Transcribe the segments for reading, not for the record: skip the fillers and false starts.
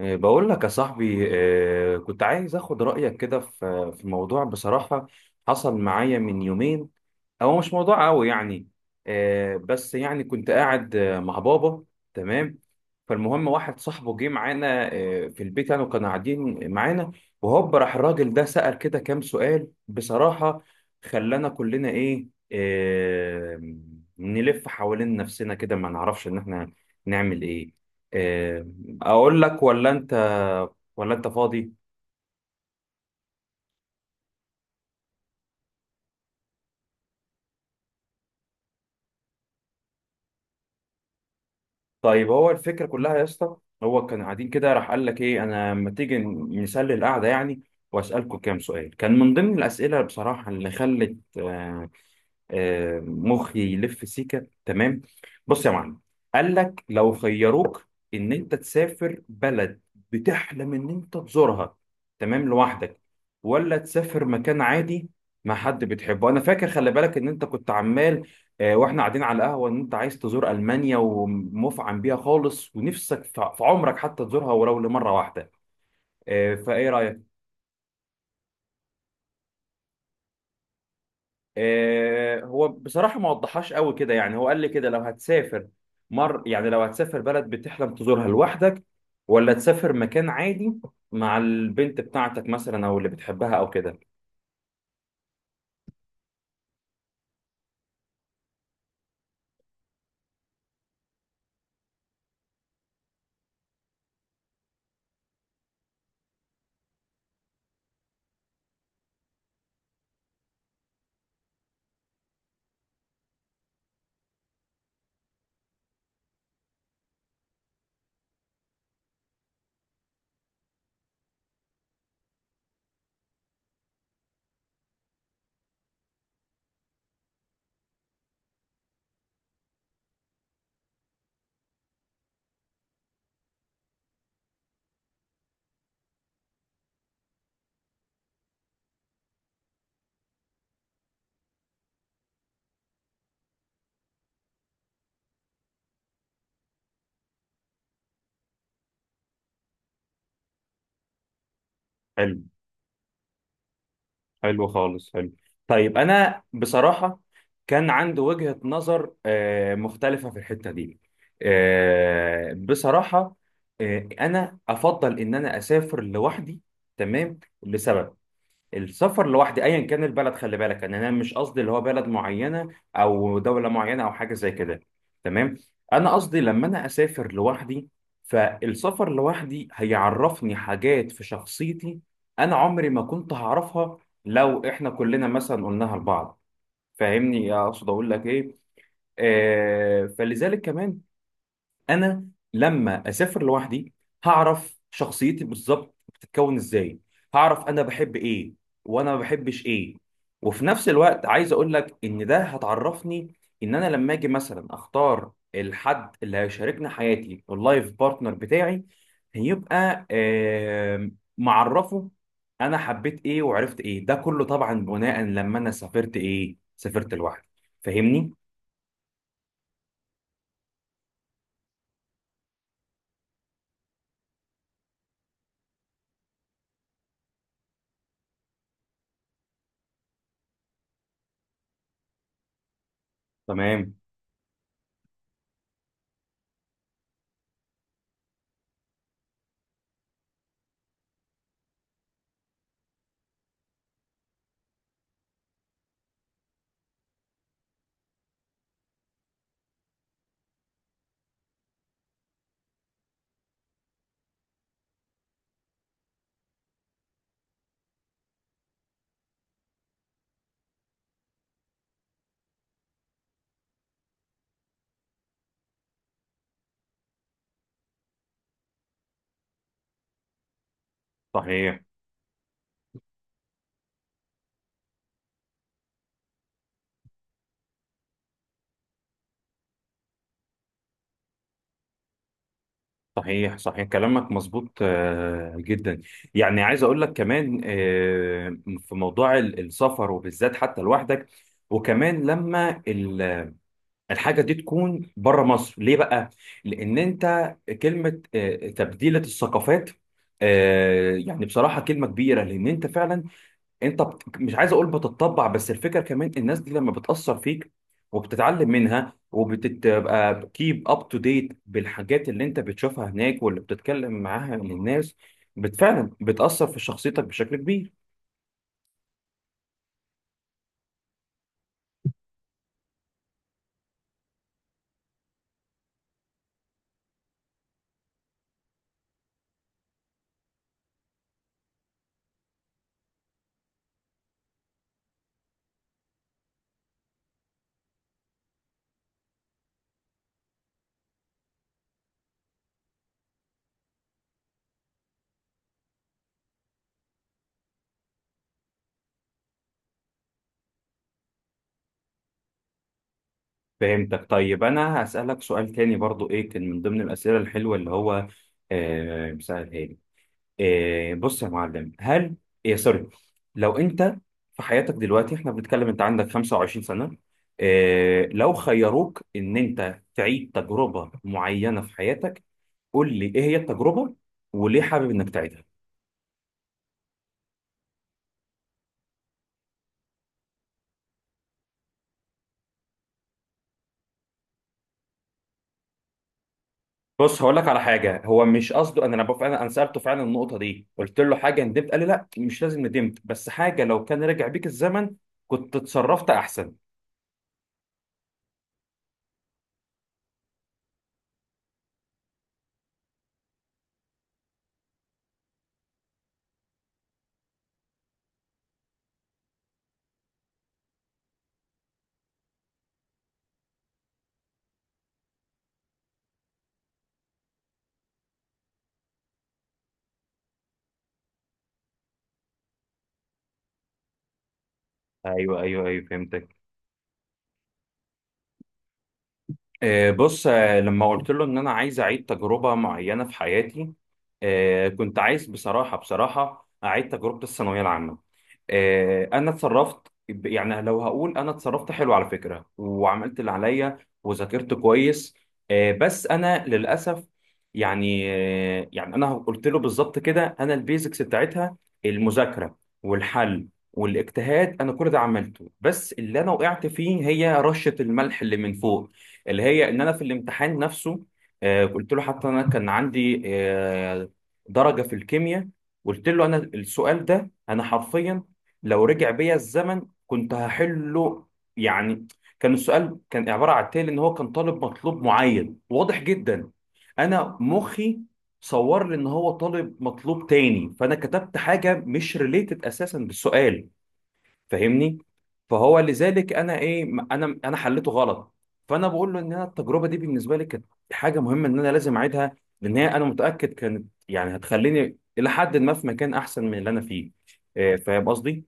إيه، بقول لك يا صاحبي، إيه، كنت عايز اخد رأيك كده في موضوع بصراحة. حصل معايا من يومين، هو مش موضوع قوي يعني. إيه، بس يعني كنت قاعد مع بابا. تمام. فالمهم واحد صاحبه جه معانا في البيت يعني، وكانوا قاعدين معانا. وهوب راح الراجل ده سأل كده كام سؤال بصراحة، خلانا كلنا ايه، نلف حوالين نفسنا كده، ما نعرفش ان احنا نعمل ايه. آه، اقول لك ولا انت فاضي؟ طيب، هو الفكره كلها يا اسطى، هو كان قاعدين كده راح قال لك ايه انا لما تيجي نسلي القعده يعني واسالكم كام سؤال، كان من ضمن الاسئله بصراحه اللي خلت مخي يلف سيكه. تمام. بص يا معلم، قال لك لو خيروك ان انت تسافر بلد بتحلم ان انت تزورها، تمام، لوحدك، ولا تسافر مكان عادي مع حد بتحبه. انا فاكر خلي بالك ان انت كنت عمال واحنا قاعدين على القهوه ان انت عايز تزور المانيا ومفعم بيها خالص ونفسك في عمرك حتى تزورها ولو لمره واحده. فايه رايك؟ هو بصراحة ما وضحهاش قوي كده يعني، هو قال لي كده لو هتسافر بلد بتحلم تزورها لوحدك ولا تسافر مكان عادي مع البنت بتاعتك مثلا او اللي بتحبها او كده. حلو. حلو خالص. حلو. طيب انا بصراحة كان عندي وجهة نظر مختلفة في الحتة دي. بصراحة، انا افضل ان انا اسافر لوحدي. تمام، لسبب، السفر لوحدي ايا كان البلد، خلي بالك ان انا مش قصدي اللي هو بلد معينه او دوله معينه او حاجه زي كده. تمام، انا قصدي لما انا اسافر لوحدي، فالسفر لوحدي هيعرفني حاجات في شخصيتي انا عمري ما كنت هعرفها لو احنا كلنا مثلا قلناها لبعض. فاهمني اقصد اقول لك ايه؟ فلذلك كمان، انا لما اسافر لوحدي هعرف شخصيتي بالظبط بتتكون ازاي، هعرف انا بحب ايه وانا ما بحبش ايه. وفي نفس الوقت عايز اقول لك ان ده هتعرفني ان انا لما اجي مثلا اختار الحد اللي هيشاركني حياتي واللايف بارتنر بتاعي، هيبقى معرفه انا حبيت ايه وعرفت ايه. ده كله طبعا بناء لما انا سافرت ايه سافرت لوحدي. فاهمني؟ تمام. صحيح. صحيح صحيح كلامك مظبوط جدا. يعني عايز اقول لك كمان في موضوع السفر، وبالذات حتى لوحدك، وكمان لما الحاجه دي تكون بره مصر، ليه بقى؟ لان انت كلمه تبديله الثقافات يعني بصراحه كلمه كبيره، لان انت فعلا مش عايز اقول بتتطبع، بس الفكره كمان، الناس دي لما بتاثر فيك وبتتعلم منها وبتبقى كيب اب تو ديت بالحاجات اللي انت بتشوفها هناك واللي بتتكلم معاها للناس، فعلا بتاثر في شخصيتك بشكل كبير. فهمتك. طيب انا هسالك سؤال تاني برضو، ايه كان من ضمن الاسئله الحلوه اللي هو آه... إيه، بص يا معلم، هل إيه سوري، لو انت في حياتك دلوقتي، احنا بنتكلم انت عندك 25 سنة، إيه لو خيروك ان انت تعيد تجربة معينة في حياتك، قول لي ايه هي التجربة وليه حابب انك تعيدها. بص هقول لك على حاجة، هو مش قصده، انا سألته فعلا النقطة دي، قلت له حاجة ندمت، قال لي لا مش لازم ندمت، بس حاجة لو كان رجع بيك الزمن كنت اتصرفت احسن. ايوه ايوه ايوه، فهمتك. بص، لما قلت له ان انا عايز اعيد تجربه معينه في حياتي، كنت عايز بصراحه، اعيد تجربه الثانويه العامه. انا اتصرفت، يعني لو هقول انا اتصرفت حلو على فكره وعملت اللي عليا وذاكرت كويس، بس انا للاسف يعني. يعني انا قلت له بالظبط كده، انا البيزكس بتاعتها، المذاكره والحل والاجتهاد، انا كل ده عملته، بس اللي انا وقعت فيه هي رشه الملح اللي من فوق، اللي هي ان انا في الامتحان نفسه قلت له، حتى انا كان عندي درجة في الكيمياء. قلت له انا السؤال ده انا حرفيا لو رجع بيا الزمن كنت هحله. يعني كان السؤال كان عبارة عن التالي، ان هو كان طالب مطلوب معين واضح جدا، انا مخي صور لي ان هو طالب مطلوب تاني، فانا كتبت حاجة مش ريليتد اساسا بالسؤال، فاهمني؟ فهو لذلك انا انا حليته غلط. فانا بقول له ان انا التجربه دي بالنسبه لي كانت حاجه مهمه ان انا لازم اعيدها، لان هي انا متاكد كانت يعني هتخليني الى حد ما في مكان احسن من اللي انا فيه. إيه، فاهم قصدي؟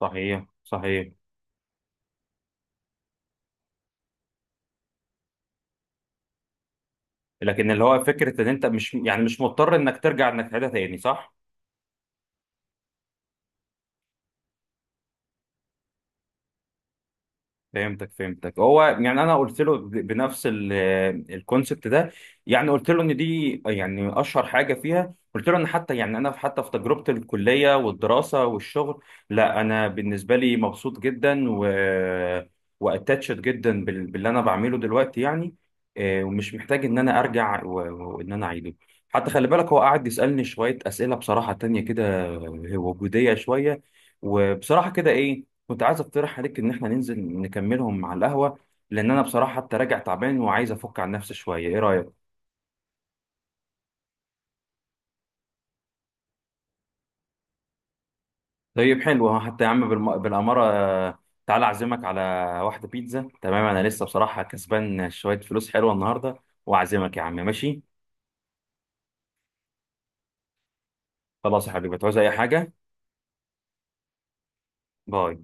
صحيح صحيح. لكن اللي هو فكره ان انت مش مضطر انك ترجع انك تعيدها تاني، صح. فهمتك فهمتك. هو يعني انا قلت له بنفس الكونسبت ده، يعني قلت له ان دي يعني اشهر حاجه فيها، قلت له ان حتى يعني انا حتى في تجربه الكليه والدراسه والشغل، لا انا بالنسبه لي مبسوط جدا واتاتشد جدا باللي انا بعمله دلوقتي يعني. ومش محتاج ان انا ارجع وان انا اعيده. حتى خلي بالك، هو قعد يسالني شويه اسئله بصراحه تانية كده وجوديه شويه. وبصراحه كده ايه، كنت عايز اقترح عليك ان احنا ننزل نكملهم على القهوة، لان انا بصراحة حتى راجع تعبان وعايز افك عن نفسي شوية. ايه رأيك؟ طيب حلو، ها، حتى يا عم بالأمارة، تعالى اعزمك على واحدة بيتزا. تمام، انا لسه بصراحة كسبان شوية فلوس حلوة النهاردة، واعزمك يا عم، ماشي؟ خلاص يا حبيبي، تعوز اي حاجة؟ باي.